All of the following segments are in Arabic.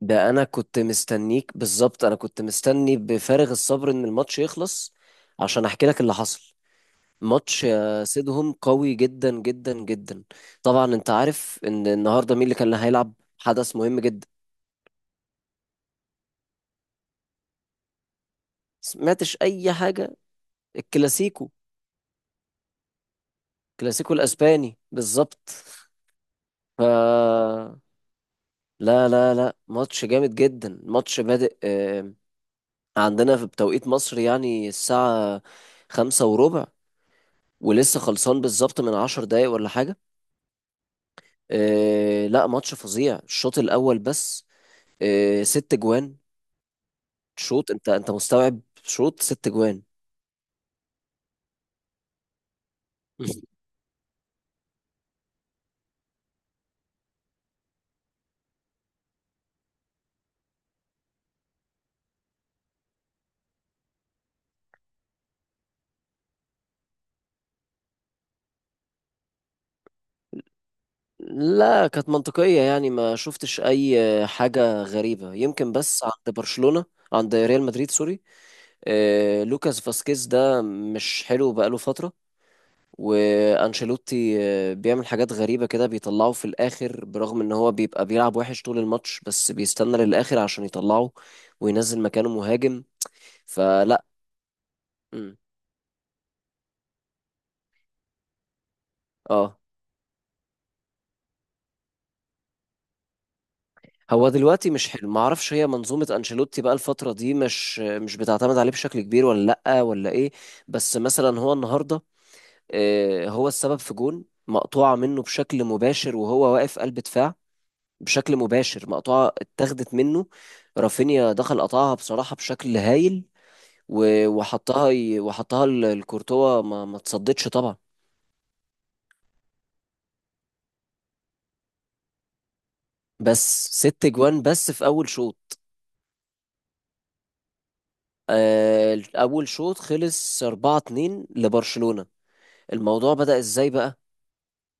ده انا كنت مستنيك بالظبط، انا كنت مستني بفارغ الصبر ان الماتش يخلص عشان احكي لك اللي حصل. ماتش، سيدهم قوي جدا جدا جدا. طبعا انت عارف ان النهارده مين اللي كان هيلعب، حدث مهم جدا. سمعتش اي حاجه؟ الكلاسيكو الكلاسيكو الاسباني بالظبط. ف لا لا لا، ماتش جامد جدا، ماتش بادئ. عندنا في بتوقيت مصر يعني الساعه 5:15، ولسه خلصان بالظبط من 10 دقايق ولا حاجة. آه لا، ماتش فظيع الشوط الاول بس. آه، 6 جوان. شوط، انت مستوعب؟ شوط 6 جوان. لا كانت منطقية، يعني ما شفتش أي حاجة غريبة، يمكن بس عند برشلونة. عند ريال مدريد سوري، لوكاس فاسكيز ده مش حلو بقاله فترة. وأنشيلوتي بيعمل حاجات غريبة كده، بيطلعه في الآخر برغم إن هو بيبقى بيلعب وحش طول الماتش بس بيستنى للآخر عشان يطلعه، وينزل مكانه مهاجم. فلا، اه، هو دلوقتي مش حلو، ما اعرفش هي منظومة انشيلوتي بقى الفترة دي مش بتعتمد عليه بشكل كبير، ولا لأ، ولا ايه. بس مثلا هو النهاردة هو السبب في جون مقطوعة منه بشكل مباشر، وهو واقف قلب دفاع. بشكل مباشر مقطوعة اتاخدت منه. رافينيا دخل قطعها بصراحة بشكل هايل. و- وحطها ي- وحطها ل- لكورتوا، ما تصدتش طبعا. بس 6 جوان بس في اول شوط. اول شوط خلص 4-2 لبرشلونة. الموضوع بدأ ازاي بقى؟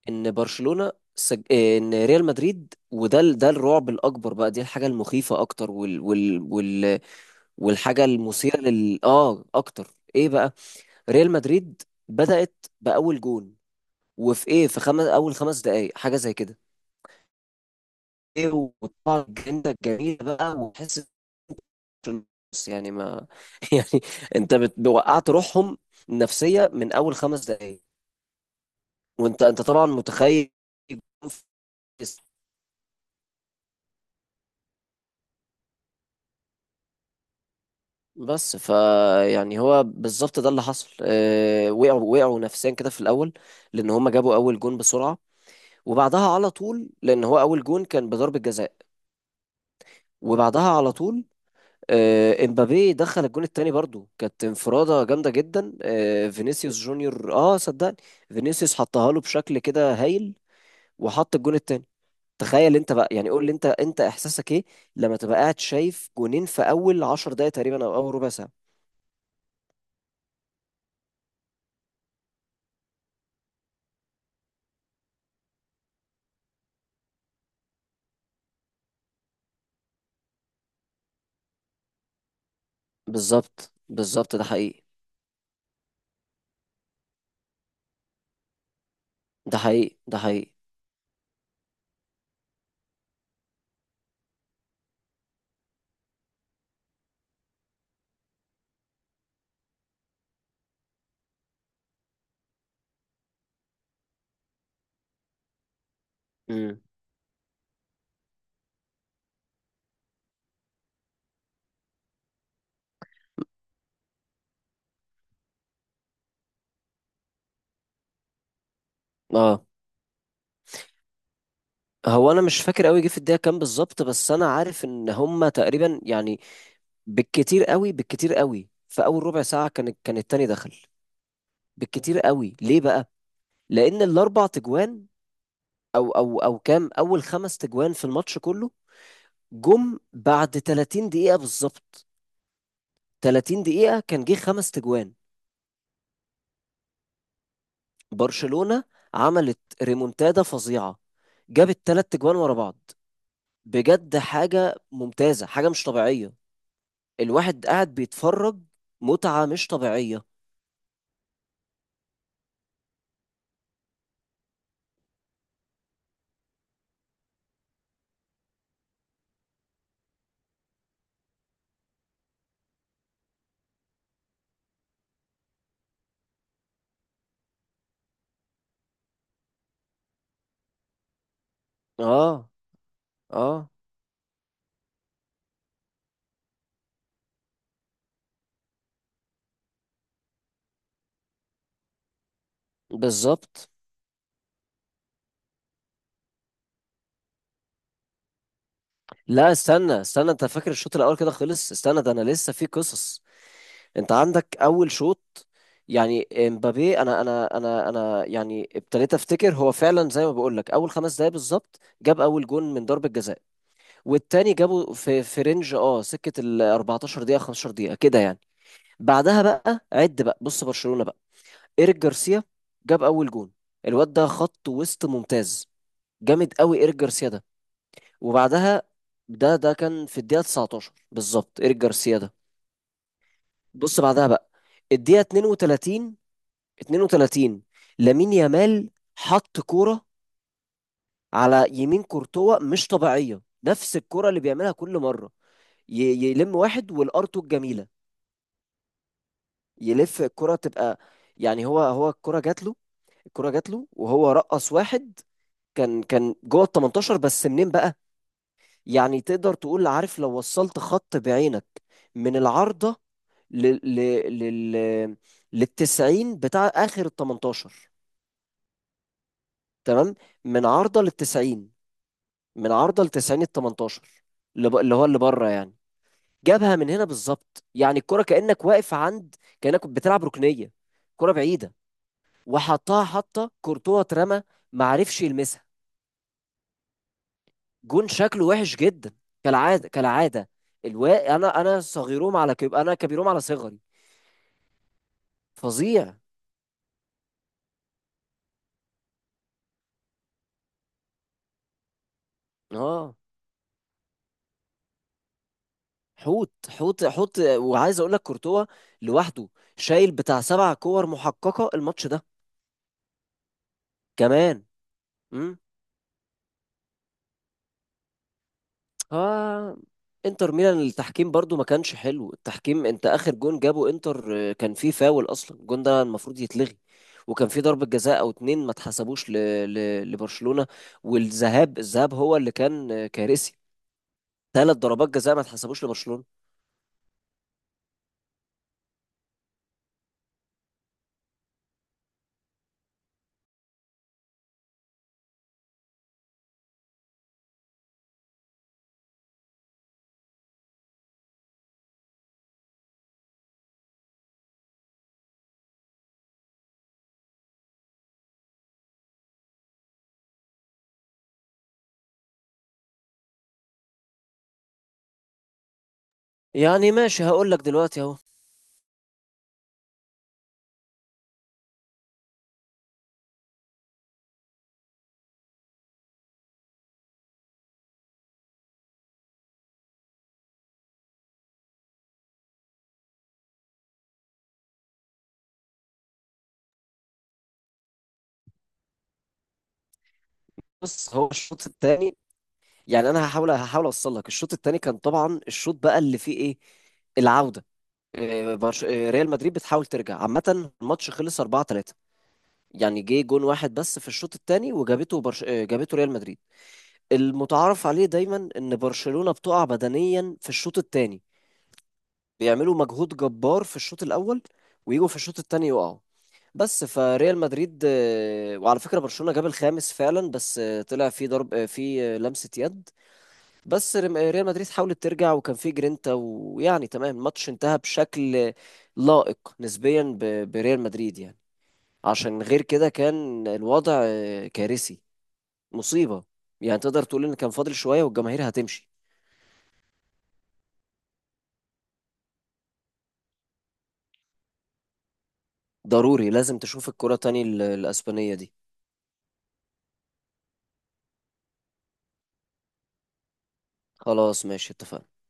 ان برشلونة سج... آه، ان ريال مدريد، ده الرعب الاكبر بقى، دي الحاجة المخيفة اكتر، والحاجة المثيرة لل، اكتر. ايه بقى؟ ريال مدريد بدأت بأول جون، وفي ايه، في اول خمس دقايق، حاجة زي كده. ايه. وطبعا الجنة الجميلة بقى. وتحس إن- يعني ما، يعني وقعت روحهم نفسية من اول 5 دقايق. وانت طبعا متخيل. بس فيعني هو بالظبط ده اللي حصل. وقعوا نفسيا كده في الاول، لان هم جابوا اول جون بسرعه، وبعدها على طول، لان هو اول جون كان بضربه جزاء. وبعدها على طول، امبابي دخل الجون التاني، برضو كانت انفراده جامده جدا. فينيسيوس جونيور، اه صدقني، فينيسيوس حطها له بشكل كده هايل وحط الجون التاني. تخيل انت بقى، يعني قول لي، انت احساسك ايه لما تبقى قاعد شايف جونين في اول 10 دقايق تقريبا، او اول ربع ساعه. بالظبط بالظبط، ده حقيقي، ده حقيقي، ده حقيقي. امم اه، هو انا مش فاكر قوي جه في الدقيقه كام بالظبط، بس انا عارف ان هما تقريبا يعني بالكتير قوي في اول ربع ساعه كان التاني دخل. بالكتير قوي ليه بقى؟ لان الاربع تجوان، او كام، اول 5 تجوان في الماتش كله، جم بعد 30 دقيقه بالظبط. 30 دقيقه كان جه 5 تجوان. برشلونه عملت ريمونتادا فظيعه، جابت 3 تجوان ورا بعض. بجد حاجة ممتازة، حاجة مش طبيعية. الواحد قاعد بيتفرج، متعة مش طبيعية. اه اه، بالظبط. لا استنى استنى، انت فاكر الشوط الاول كده خلص؟ استنى، ده انا لسه في قصص. انت عندك اول شوط، يعني امبابي، انا يعني ابتديت افتكر، هو فعلا زي ما بقول لك اول 5 دقايق بالظبط جاب اول جون من ضربة جزاء. والتاني جابه في رينج، سكة ال 14 دقيقة، 15 دقيقة كده يعني. بعدها بقى، عد بقى، بص، برشلونة. إيريك جارسيا جاب أول جون. الواد ده خط وسط ممتاز، جامد قوي إيريك جارسيا ده. وبعدها، ده كان في الدقيقة 19 بالظبط، إيريك جارسيا ده. بص بعدها بقى، الدقيقة 32. 32، لامين يامال حط كورة على يمين كورتوا مش طبيعية، نفس الكرة اللي بيعملها كل مرة. يلم واحد والارتو الجميلة. يلف الكرة تبقى، يعني هو الكرة جات له. الكرة جات له وهو رقص واحد. كان جوه ال 18 بس، منين بقى؟ يعني تقدر تقول، عارف، لو وصلت خط بعينك من العارضة لل لل لل للتسعين بتاع آخر ال 18. تمام. من عارضة للتسعين. من عارضة للتسعين ال 18. اللي هو اللي بره يعني. جابها من هنا بالظبط، يعني الكرة كأنك واقف عند، كأنك بتلعب ركنية، كرة بعيدة. وحطها حطة كورتوا اترمى، ما عرفش يلمسها. جون شكله وحش جدا، كالعاده كالعاده. انا انا صغيرهم على انا كبيرهم على صغري. فظيع. اه، حوت حوت حوت، وعايز اقول لك كورتوا لوحده شايل بتاع 7 كور محققه الماتش ده. كمان. امم اه، انتر ميلان التحكيم برضو ما كانش حلو التحكيم. انت اخر جون جابه انتر، كان فيه فاول اصلا، الجون ده المفروض يتلغي. وكان في ضربة جزاء او اتنين ما اتحسبوش لبرشلونة. الذهاب هو اللي كان، كارثي. 3 ضربات جزاء ما اتحسبوش لبرشلونة. يعني ماشي، هقول لك دلوقتي اهو. بص هو الشوط الثاني يعني. انا هحاول اوصل لك الشوط الثاني. كان طبعا الشوط بقى اللي فيه ايه، العودة. إيه، برش- إيه، ريال مدريد بتحاول ترجع. عامة الماتش خلص 4-3. يعني جه جون واحد بس في الشوط الثاني، وجابته برش... إيه، جابته ريال مدريد. المتعارف عليه دايما ان برشلونة بتقع بدنيا في الشوط الثاني، بيعملوا مجهود جبار في الشوط الاول، ويجوا في الشوط الثاني يقعوا. بس فريال مدريد، وعلى فكرة برشلونة جاب الخامس فعلا بس طلع في ضرب، في لمسة يد. بس ريال مدريد حاولت ترجع وكان في جرينتا، ويعني تمام، الماتش انتهى بشكل لائق نسبيا بريال مدريد يعني. عشان غير كده كان الوضع كارثي. مصيبة. يعني تقدر تقول ان كان فاضل شوية والجماهير هتمشي. ضروري لازم تشوف الكرة تاني الأسبانية دي. خلاص ماشي اتفقنا.